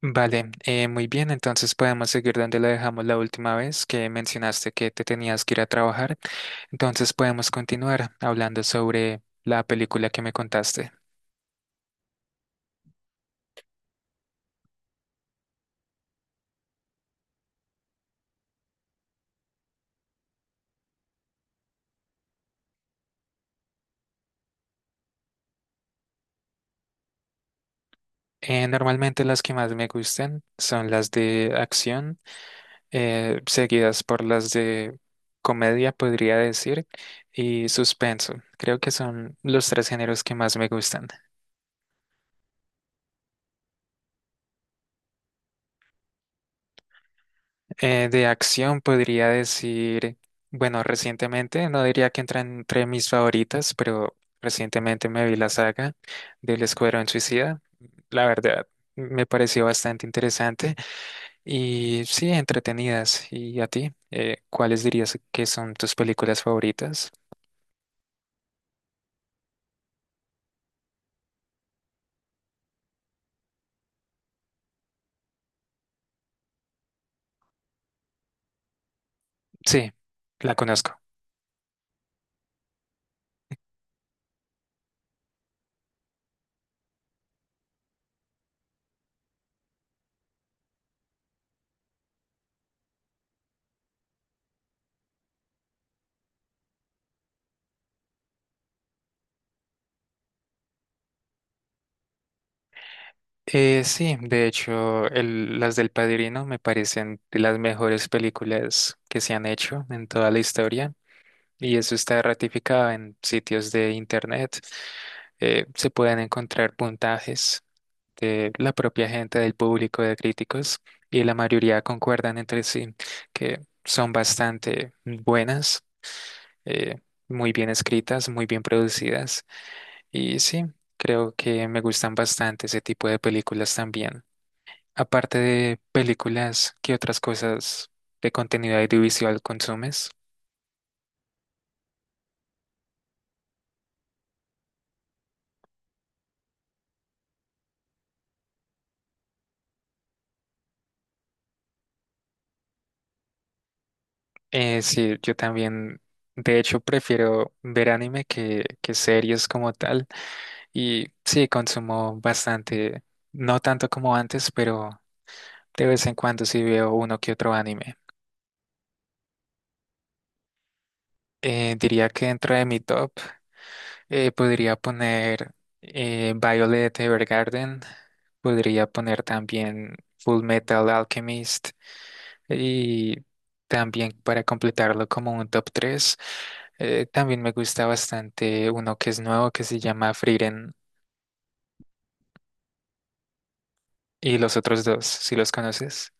Vale, muy bien, entonces podemos seguir donde lo dejamos la última vez que mencionaste que te tenías que ir a trabajar. Entonces podemos continuar hablando sobre la película que me contaste. Normalmente las que más me gustan son las de acción, seguidas por las de comedia, podría decir, y suspenso. Creo que son los tres géneros que más me gustan. De acción podría decir, bueno, recientemente, no diría que entra entre mis favoritas, pero recientemente me vi la saga del Escuadrón Suicida. La verdad, me pareció bastante interesante y sí, entretenidas. ¿Y a ti? ¿Cuáles dirías que son tus películas favoritas? Sí, la conozco. Sí, de hecho, las del Padrino me parecen de las mejores películas que se han hecho en toda la historia, y eso está ratificado en sitios de internet. Se pueden encontrar puntajes de la propia gente, del público, de críticos, y la mayoría concuerdan entre sí que son bastante buenas, eh, muy bien escritas, muy bien producidas, y sí, creo que me gustan bastante ese tipo de películas también. Aparte de películas, ¿qué otras cosas de contenido audiovisual consumes? Sí, yo también, de hecho, prefiero ver anime que series como tal. Y sí, consumo bastante, no tanto como antes, pero de vez en cuando sí veo uno que otro anime. Diría que dentro de mi top. Podría poner Violet Evergarden, podría poner también Full Metal Alchemist, y también para completarlo como un top tres, también me gusta bastante uno que es nuevo que se llama Frieren, y los otros dos, si los conoces.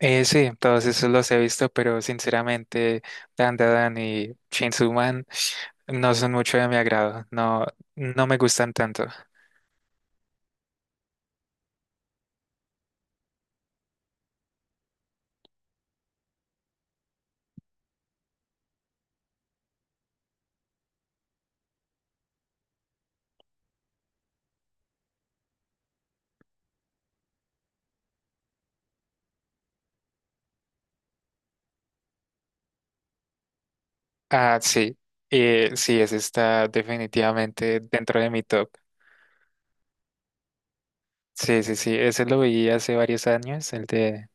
Sí, todos esos los he visto, pero sinceramente, Dandadan y Chainsaw Man no son mucho de mi agrado, no, no me gustan tanto. Ah, sí, sí, ese está definitivamente dentro de mi top. Sí, sí, sí, ese lo vi hace varios años, el de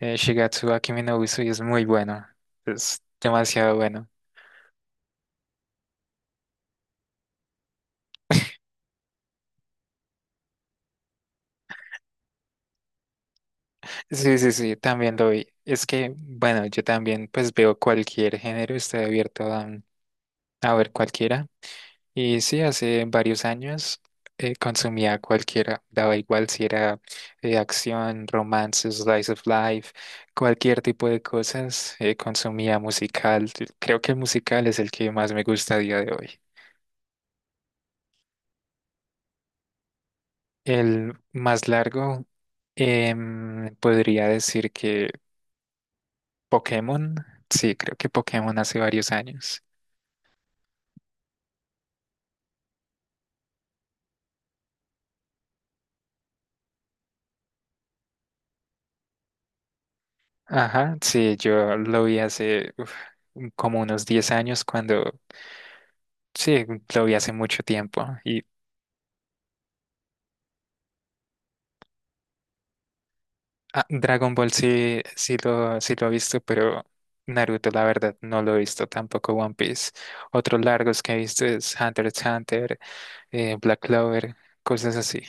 Shigatsu wa Kimi no Uso, y es muy bueno, es demasiado bueno. Sí, sí, sí, también lo vi. Es que, bueno, yo también pues veo cualquier género, estoy abierto a ver cualquiera. Y sí, hace varios años consumía cualquiera, daba igual si era acción, romance, slice of life, cualquier tipo de cosas, consumía musical. Creo que el musical es el que más me gusta a día de hoy. El más largo, podría decir que Pokémon, sí, creo que Pokémon hace varios años. Ajá, sí, yo lo vi hace uf, como unos 10 años cuando... Sí, lo vi hace mucho tiempo. Y Ah, Dragon Ball sí, sí lo he visto, pero Naruto, la verdad, no lo he visto, tampoco One Piece. Otros largos que he visto es Hunter x Hunter, Black Clover, cosas así.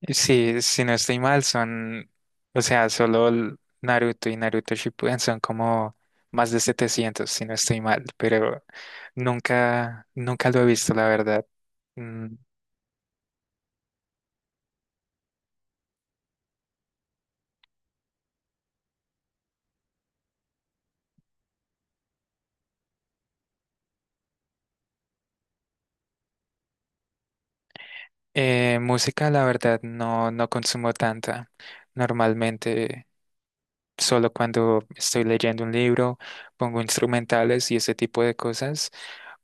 Y Sí, si no estoy mal, son, o sea, solo el Naruto y Naruto Shippuden son como más de 700 si no estoy mal, pero nunca, nunca lo he visto, la verdad. Mm, música, la verdad, no, no consumo tanta. Normalmente, solo cuando estoy leyendo un libro, pongo instrumentales y ese tipo de cosas,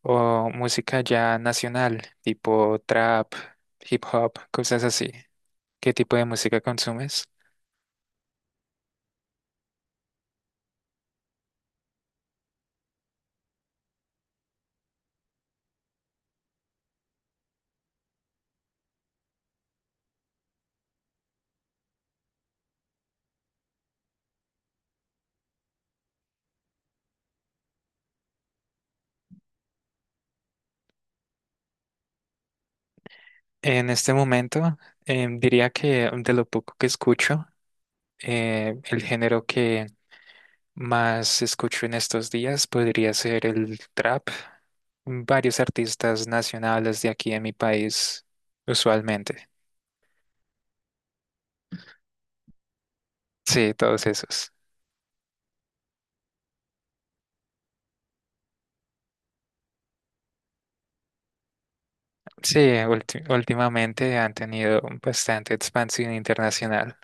o música ya nacional, tipo trap, hip hop, cosas así. ¿Qué tipo de música consumes? En este momento, diría que de lo poco que escucho, el género que más escucho en estos días podría ser el trap. Varios artistas nacionales de aquí en mi país, usualmente. Sí, todos esos. Sí, últimamente han tenido bastante expansión internacional.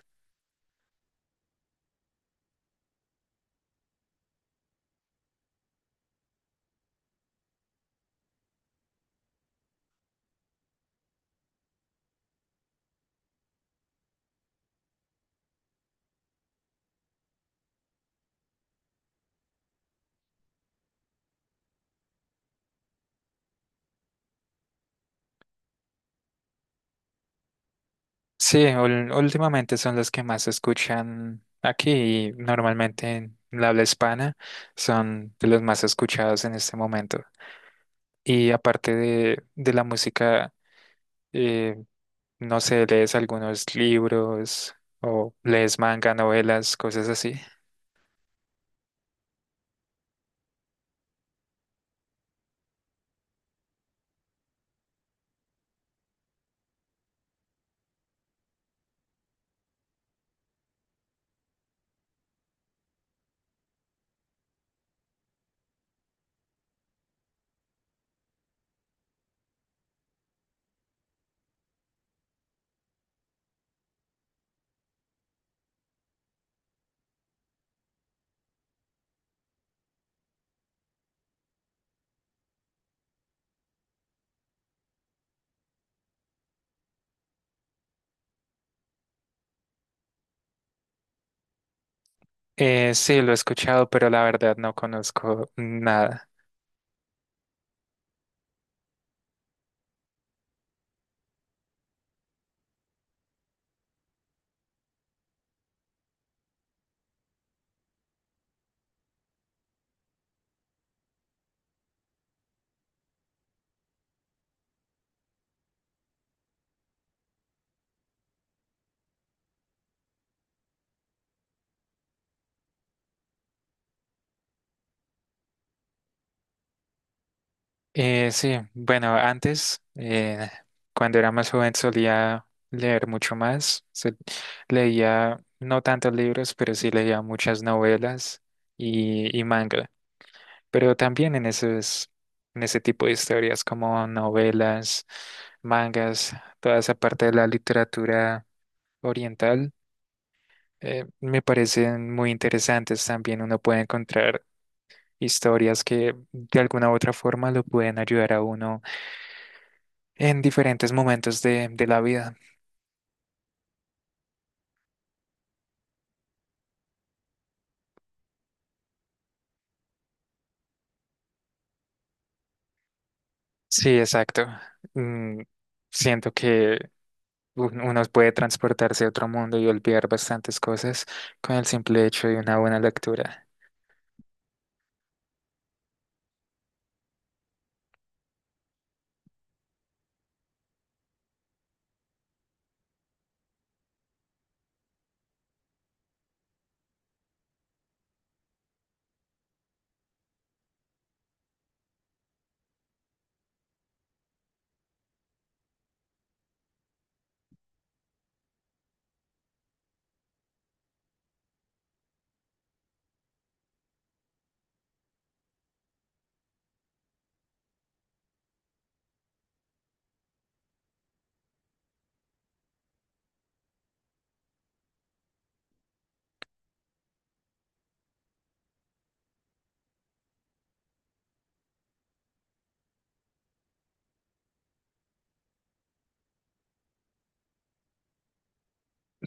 Sí, últimamente son los que más se escuchan aquí y normalmente en la habla hispana son de los más escuchados en este momento. Y aparte de la música, eh, no sé, lees algunos libros o lees manga, novelas, cosas así. Sí, lo he escuchado, pero la verdad no conozco nada. Sí, bueno, antes, cuando era más joven, solía leer mucho más. Leía no tantos libros, pero sí leía muchas novelas y manga. Pero también en esos, en ese tipo de historias como novelas, mangas, toda esa parte de la literatura oriental, me parecen muy interesantes también. Uno puede encontrar historias que de alguna u otra forma lo pueden ayudar a uno en diferentes momentos de la vida. Sí, exacto. Mm, siento que uno puede transportarse a otro mundo y olvidar bastantes cosas con el simple hecho de una buena lectura.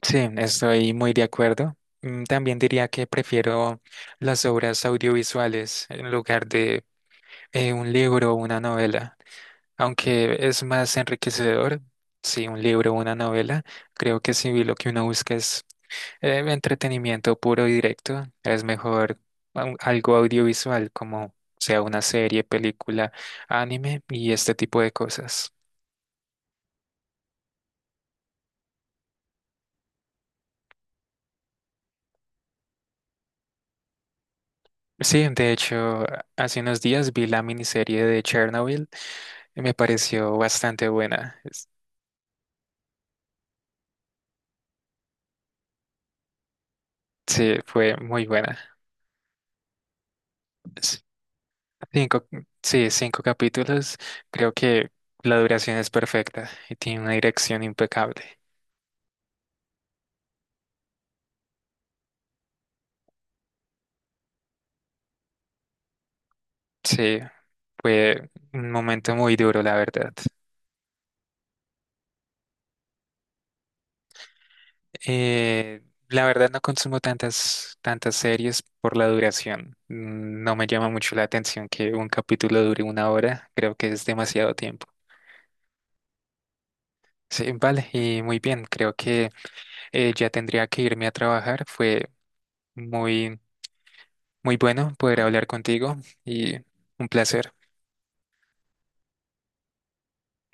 Sí, estoy muy de acuerdo. Mm, también diría que prefiero las obras audiovisuales en lugar de un libro o una novela. Aunque es más enriquecedor, sí, un libro o una novela, creo que si lo que uno busca es entretenimiento puro y directo, es mejor algo audiovisual como sea una serie, película, anime y este tipo de cosas. Sí, de hecho, hace unos días vi la miniserie de Chernobyl y me pareció bastante buena. Es- Sí, fue muy buena. Cinco, sí, cinco capítulos. Creo que la duración es perfecta y tiene una dirección impecable. Sí, fue un momento muy duro, la verdad. Eh, la verdad no consumo tantas, tantas series por la duración. Mm, no me llama mucho la atención que un capítulo dure una hora. Creo que es demasiado tiempo. Sí, vale, y muy bien. Creo que ya tendría que irme a trabajar. Fue muy, muy bueno poder hablar contigo, y un placer.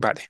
Vale.